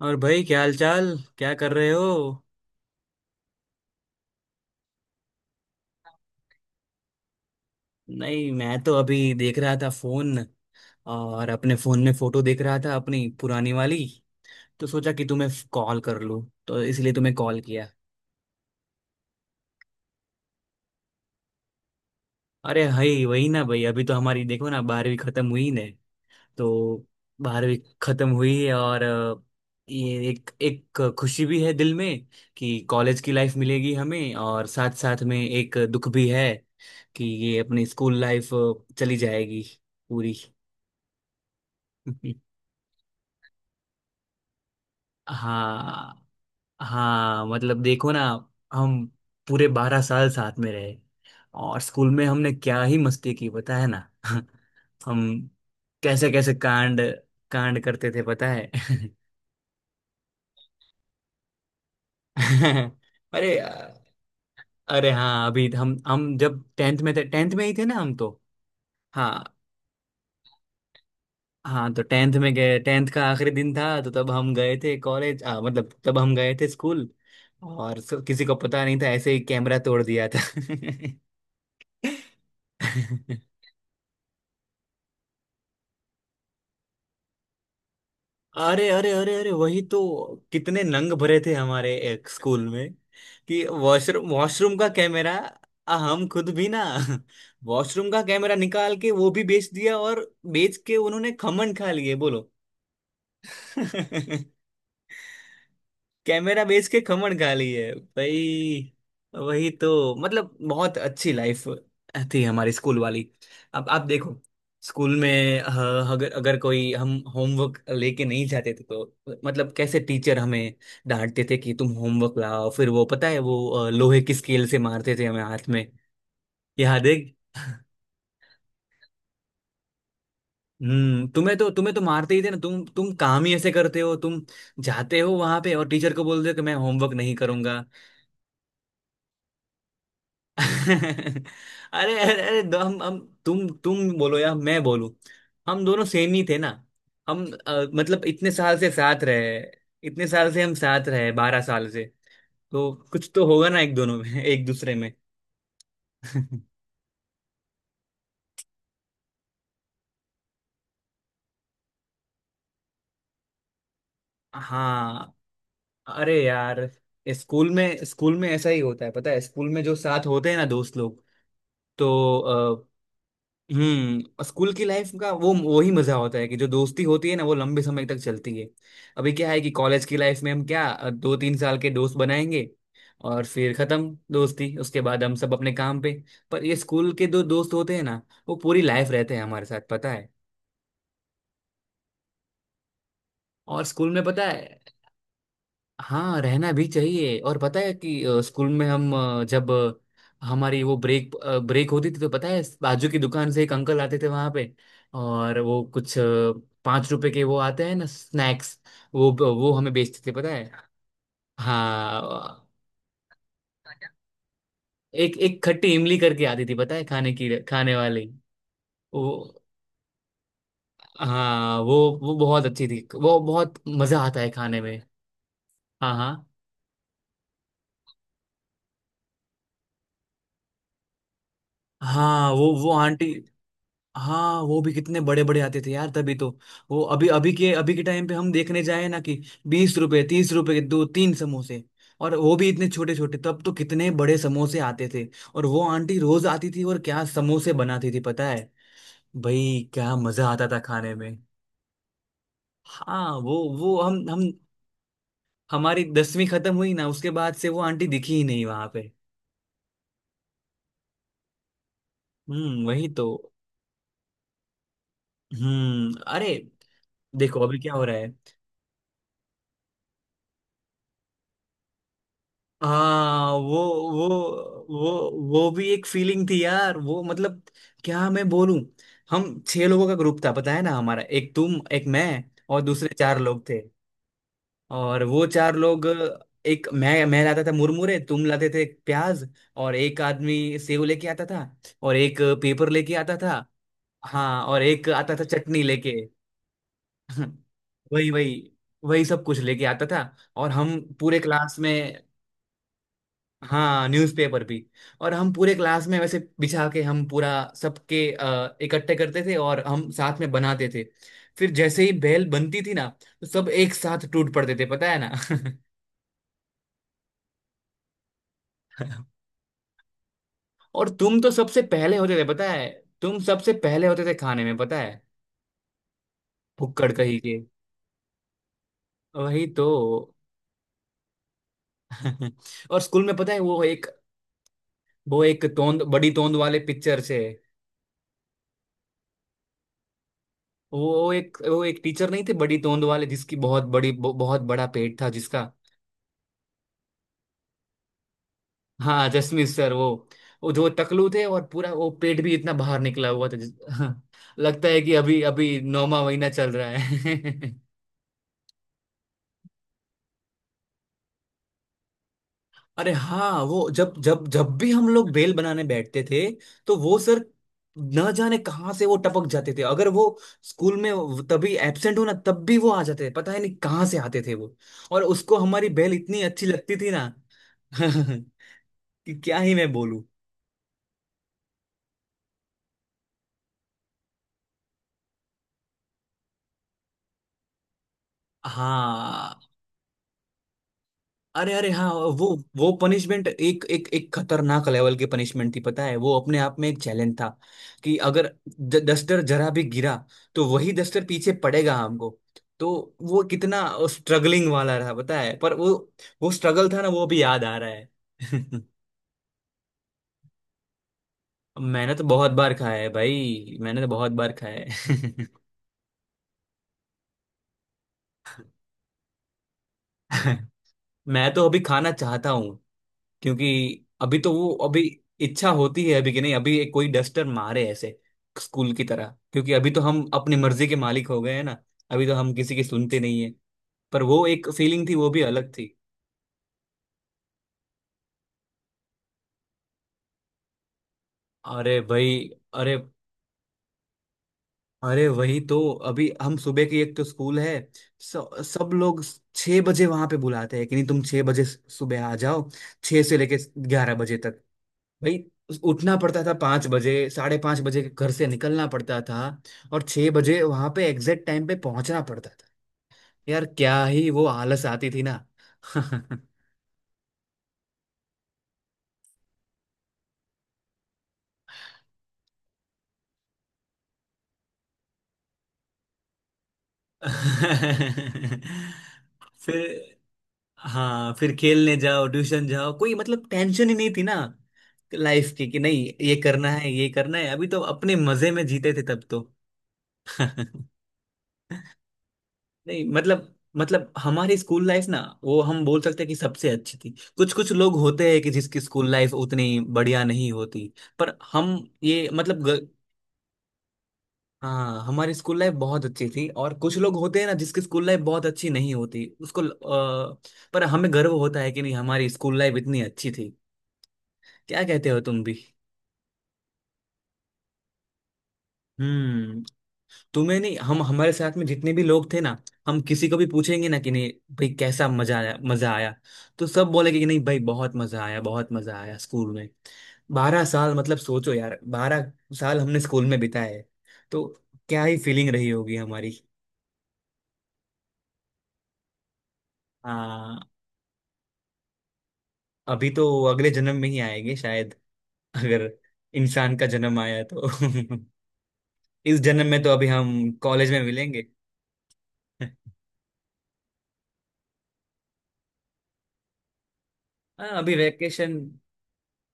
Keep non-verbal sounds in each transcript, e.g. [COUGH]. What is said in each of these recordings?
और भाई, क्या हाल चाल? क्या कर रहे हो? नहीं, मैं तो अभी देख रहा था फोन, और अपने फोन में फोटो देख रहा था अपनी पुरानी वाली। तो सोचा कि तुम्हें कॉल कर लूं, तो इसलिए तुम्हें कॉल किया। अरे हई वही ना भाई, अभी तो हमारी देखो ना, 12वीं खत्म हुई ने। तो 12वीं खत्म हुई है और ये एक एक खुशी भी है दिल में कि कॉलेज की लाइफ मिलेगी हमें, और साथ साथ में एक दुख भी है कि ये अपनी स्कूल लाइफ चली जाएगी पूरी। हाँ। हाँ मतलब देखो ना। हम पूरे 12 साल साथ में रहे, और स्कूल में हमने क्या ही मस्ती की, पता है ना। [LAUGHS] हम कैसे कैसे कांड कांड करते थे, पता है। [LAUGHS] अरे अरे हाँ, अभी हम जब टेंथ में थे, टेंथ में ही थे ना हम तो। हाँ। हाँ, तो टेंथ में गए, टेंथ का आखिरी दिन था, तो तब हम गए थे कॉलेज, मतलब तब हम गए थे स्कूल। और किसी को पता नहीं था, ऐसे ही कैमरा तोड़ दिया था। [LAUGHS] अरे अरे अरे अरे, वही तो। कितने नंग भरे थे हमारे एक स्कूल में कि वॉशरूम वॉशरूम का कैमरा। हम खुद भी ना [LAUGHS] वॉशरूम का कैमरा निकाल के वो भी बेच दिया, और बेच के उन्होंने खमन खा लिए, बोलो। [LAUGHS] कैमरा बेच के खमण खा ली है भाई। वही तो, मतलब बहुत अच्छी लाइफ थी हमारी स्कूल वाली। अब आप देखो, स्कूल में अगर अगर कोई हम होमवर्क लेके नहीं जाते थे तो, मतलब कैसे टीचर हमें डांटते थे कि तुम होमवर्क लाओ। फिर वो पता है वो लोहे की स्केल से मारते थे हमें हाथ में। याद है। हम्म, तुम्हें तो मारते ही थे ना। तुम काम ही ऐसे करते हो तुम, जाते हो वहां पे और टीचर को बोलते हो कि मैं होमवर्क नहीं करूंगा। [LAUGHS] अरे अरे अरे हम। तुम बोलो या मैं बोलूं, हम दोनों सेम ही थे ना। हम मतलब इतने साल से साथ रहे। इतने साल से हम साथ रहे, 12 साल से। तो कुछ तो होगा ना एक दोनों में, एक दूसरे में। [LAUGHS] हाँ। अरे यार, ये स्कूल में ऐसा ही होता है, पता है। स्कूल में जो साथ होते हैं ना दोस्त लोग, तो हम्म, स्कूल की लाइफ का वो वही मजा होता है कि जो दोस्ती होती है ना वो लंबे समय तक चलती है। अभी क्या है कि कॉलेज की लाइफ में हम क्या 2-3 साल के दोस्त बनाएंगे, और फिर खत्म दोस्ती, उसके बाद हम सब अपने काम पे। पर ये स्कूल के दो दोस्त होते हैं ना, वो पूरी लाइफ रहते हैं हमारे साथ, पता है। और स्कूल में पता है, हाँ, रहना भी चाहिए। और पता है कि स्कूल में हम जब हमारी वो ब्रेक ब्रेक होती थी तो, पता है, बाजू की दुकान से एक अंकल आते थे वहां पे, और वो कुछ 5 रुपए के वो आते हैं ना स्नैक्स, वो हमें बेचते थे, पता है। हाँ, एक एक खट्टी इमली करके आती थी, पता है, खाने की, खाने वाली। वो, हाँ वो बहुत अच्छी थी, वो बहुत मजा आता है खाने में। हाँ हाँ हाँ, वो आंटी। हाँ, वो भी कितने बड़े बड़े आते थे यार, तभी तो वो अभी अभी के टाइम पे हम देखने जाए ना कि 20 रुपए 30 रुपए के 2-3 समोसे, और वो भी इतने छोटे छोटे। तब तो कितने बड़े समोसे आते थे, और वो आंटी रोज आती थी, और क्या समोसे बनाती थी पता है। भाई, क्या मजा आता था खाने में। हाँ, वो हम हमारी 10वीं खत्म हुई ना, उसके बाद से वो आंटी दिखी ही नहीं वहां पे। हम्म, वही तो। हम्म, अरे, देखो अभी क्या हो रहा है। हाँ वो, वो वो वो भी एक फीलिंग थी यार, वो मतलब, क्या मैं बोलूं। हम 6 लोगों का ग्रुप था, पता है ना हमारा, एक तुम, एक मैं, और दूसरे 4 लोग थे। और वो 4 लोग, एक मैं लाता था मुरमुरे, तुम लाते थे प्याज, और एक आदमी सेव लेके आता था, और एक पेपर लेके आता था। हाँ, और एक आता था चटनी लेके। [LAUGHS] वही वही, वही सब कुछ लेके आता था। और हम पूरे क्लास में, हाँ न्यूज़पेपर भी, और हम पूरे क्लास में वैसे बिछा के, हम पूरा सबके इकट्ठे करते थे, और हम साथ में बनाते थे। फिर जैसे ही बेल बनती थी ना, तो सब एक साथ टूट पड़ते थे, पता है ना। [LAUGHS] और तुम तो सबसे पहले होते थे, पता है। तुम सबसे पहले होते थे खाने में, पता है। फुक्कड़ कहीं के, वही तो। [LAUGHS] और स्कूल में पता है, वो एक तोंद, बड़ी तोंद वाले पिक्चर से, वो एक टीचर नहीं थे बड़ी तोंद वाले, जिसकी बहुत बड़ी बहुत बड़ा पेट था जिसका। हाँ, जसमीत सर, वो जो टकलू थे, और पूरा वो पेट भी इतना बाहर निकला हुआ था हाँ, लगता है कि अभी अभी 9वां महीना चल रहा है। [LAUGHS] अरे हाँ, वो जब जब जब भी हम लोग बेल बनाने बैठते थे, तो वो सर न जाने कहाँ से वो टपक जाते थे। अगर वो स्कूल में तभी एब्सेंट हो ना, तब भी वो आ जाते थे, पता है नहीं कहाँ से आते थे वो। और उसको हमारी बेल इतनी अच्छी लगती थी ना [LAUGHS] कि क्या ही मैं बोलूं। हाँ, अरे अरे हाँ। वो वो पनिशमेंट एक एक एक खतरनाक लेवल की पनिशमेंट थी, पता है। वो अपने आप में एक चैलेंज था कि अगर डस्टर जरा भी गिरा तो वही डस्टर पीछे पड़ेगा हमको। तो वो कितना स्ट्रगलिंग वाला रहा, पता है। पर वो स्ट्रगल था ना, वो भी याद आ रहा है। [LAUGHS] मैंने तो बहुत बार खाया है भाई, मैंने तो बहुत बार खाया है। [LAUGHS] मैं तो अभी खाना चाहता, क्योंकि अभी तो वो अभी इच्छा होती है अभी, कि नहीं, अभी एक कोई डस्टर मारे ऐसे स्कूल की तरह, क्योंकि अभी तो हम अपनी मर्जी के मालिक हो गए हैं ना, अभी तो हम किसी की सुनते नहीं है। पर वो एक फीलिंग थी, वो भी अलग थी। अरे भाई, अरे अरे, वही तो। अभी हम सुबह की एक तो स्कूल है, सब लोग 6 बजे वहां पे बुलाते हैं, कि नहीं तुम 6 बजे सुबह आ जाओ, 6 से लेके 11 बजे तक। भाई, उठना पड़ता था 5 बजे, 5:30 बजे के घर से निकलना पड़ता था, और 6 बजे वहां पे एग्जैक्ट टाइम पे पहुंचना पड़ता था। यार क्या ही वो आलस आती थी ना। [LAUGHS] फिर हाँ, फिर खेलने जाओ, ट्यूशन जाओ, कोई मतलब टेंशन ही नहीं थी ना लाइफ की, कि नहीं ये करना है ये करना है। अभी तो अपने मजे में जीते थे तब तो। [LAUGHS] नहीं मतलब, मतलब हमारी स्कूल लाइफ ना, वो हम बोल सकते हैं कि सबसे अच्छी थी। कुछ कुछ लोग होते हैं कि जिसकी स्कूल लाइफ उतनी बढ़िया नहीं होती, पर हम, ये मतलब हाँ, हमारी स्कूल लाइफ बहुत अच्छी थी, और कुछ लोग होते हैं ना जिसकी स्कूल लाइफ बहुत अच्छी नहीं होती उसको पर हमें गर्व होता है कि नहीं हमारी स्कूल लाइफ इतनी अच्छी थी। क्या कहते हो तुम भी? हम्म, तुम्हें नहीं, हम हमारे साथ में जितने भी लोग थे ना, हम किसी को भी पूछेंगे ना कि नहीं भाई कैसा मजा आया मजा आया, तो सब बोलेंगे कि नहीं भाई बहुत मजा आया, बहुत मजा आया स्कूल में। 12 साल, मतलब सोचो यार, 12 साल हमने स्कूल में बिताए हैं। तो क्या ही फीलिंग रही होगी हमारी। आ, अभी तो अगले जन्म में ही आएंगे शायद, अगर इंसान का जन्म आया तो। [LAUGHS] इस जन्म में तो अभी हम कॉलेज में मिलेंगे। [LAUGHS] हाँ, अभी वेकेशन।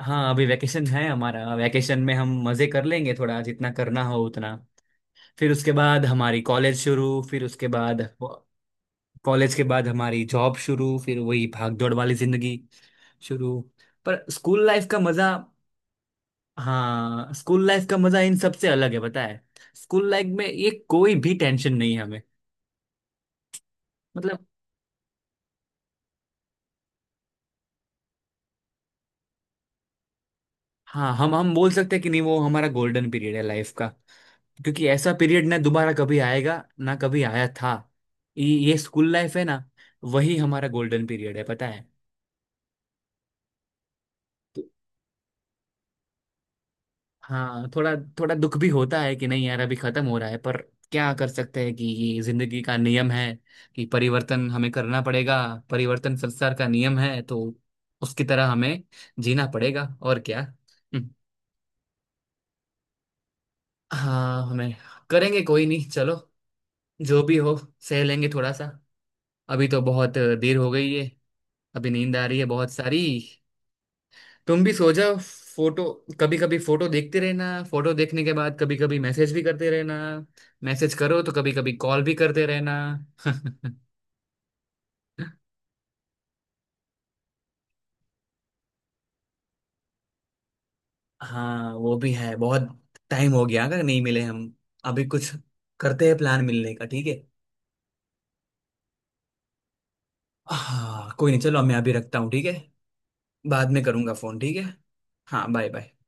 हाँ, अभी वैकेशन है हमारा, वैकेशन में हम मजे कर लेंगे थोड़ा, जितना करना हो उतना। फिर उसके बाद हमारी कॉलेज शुरू, फिर उसके बाद कॉलेज के बाद हमारी जॉब शुरू, फिर वही भाग दौड़ वाली जिंदगी शुरू। पर स्कूल लाइफ का मजा, हाँ, स्कूल लाइफ का मजा इन सबसे अलग है, पता है। स्कूल लाइफ में ये कोई भी टेंशन नहीं है हमें, मतलब, हाँ, हम बोल सकते हैं कि नहीं वो हमारा गोल्डन पीरियड है लाइफ का, क्योंकि ऐसा पीरियड ना दोबारा कभी आएगा ना कभी आया था। ये स्कूल लाइफ है ना, वही हमारा गोल्डन पीरियड है पता है। तो हाँ, थोड़ा थोड़ा दुख भी होता है कि नहीं यार अभी खत्म हो रहा है, पर क्या कर सकते हैं, कि ये जिंदगी का नियम है कि परिवर्तन हमें करना पड़ेगा। परिवर्तन संसार का नियम है, तो उसकी तरह हमें जीना पड़ेगा, और क्या। हम्म, हाँ हमें करेंगे, कोई नहीं चलो, जो भी हो सह लेंगे थोड़ा सा। अभी तो बहुत देर हो गई है, अभी नींद आ रही है बहुत सारी, तुम भी सो जाओ। फोटो, कभी कभी फोटो देखते रहना, फोटो देखने के बाद कभी कभी मैसेज भी करते रहना, मैसेज करो तो कभी कभी कॉल भी करते रहना। [LAUGHS] हाँ वो भी है, बहुत टाइम हो गया, अगर नहीं मिले हम, अभी कुछ करते हैं प्लान मिलने का, ठीक है। हाँ, कोई नहीं चलो, मैं अभी रखता हूँ ठीक है, बाद में करूँगा फोन, ठीक है। हाँ, बाय बाय।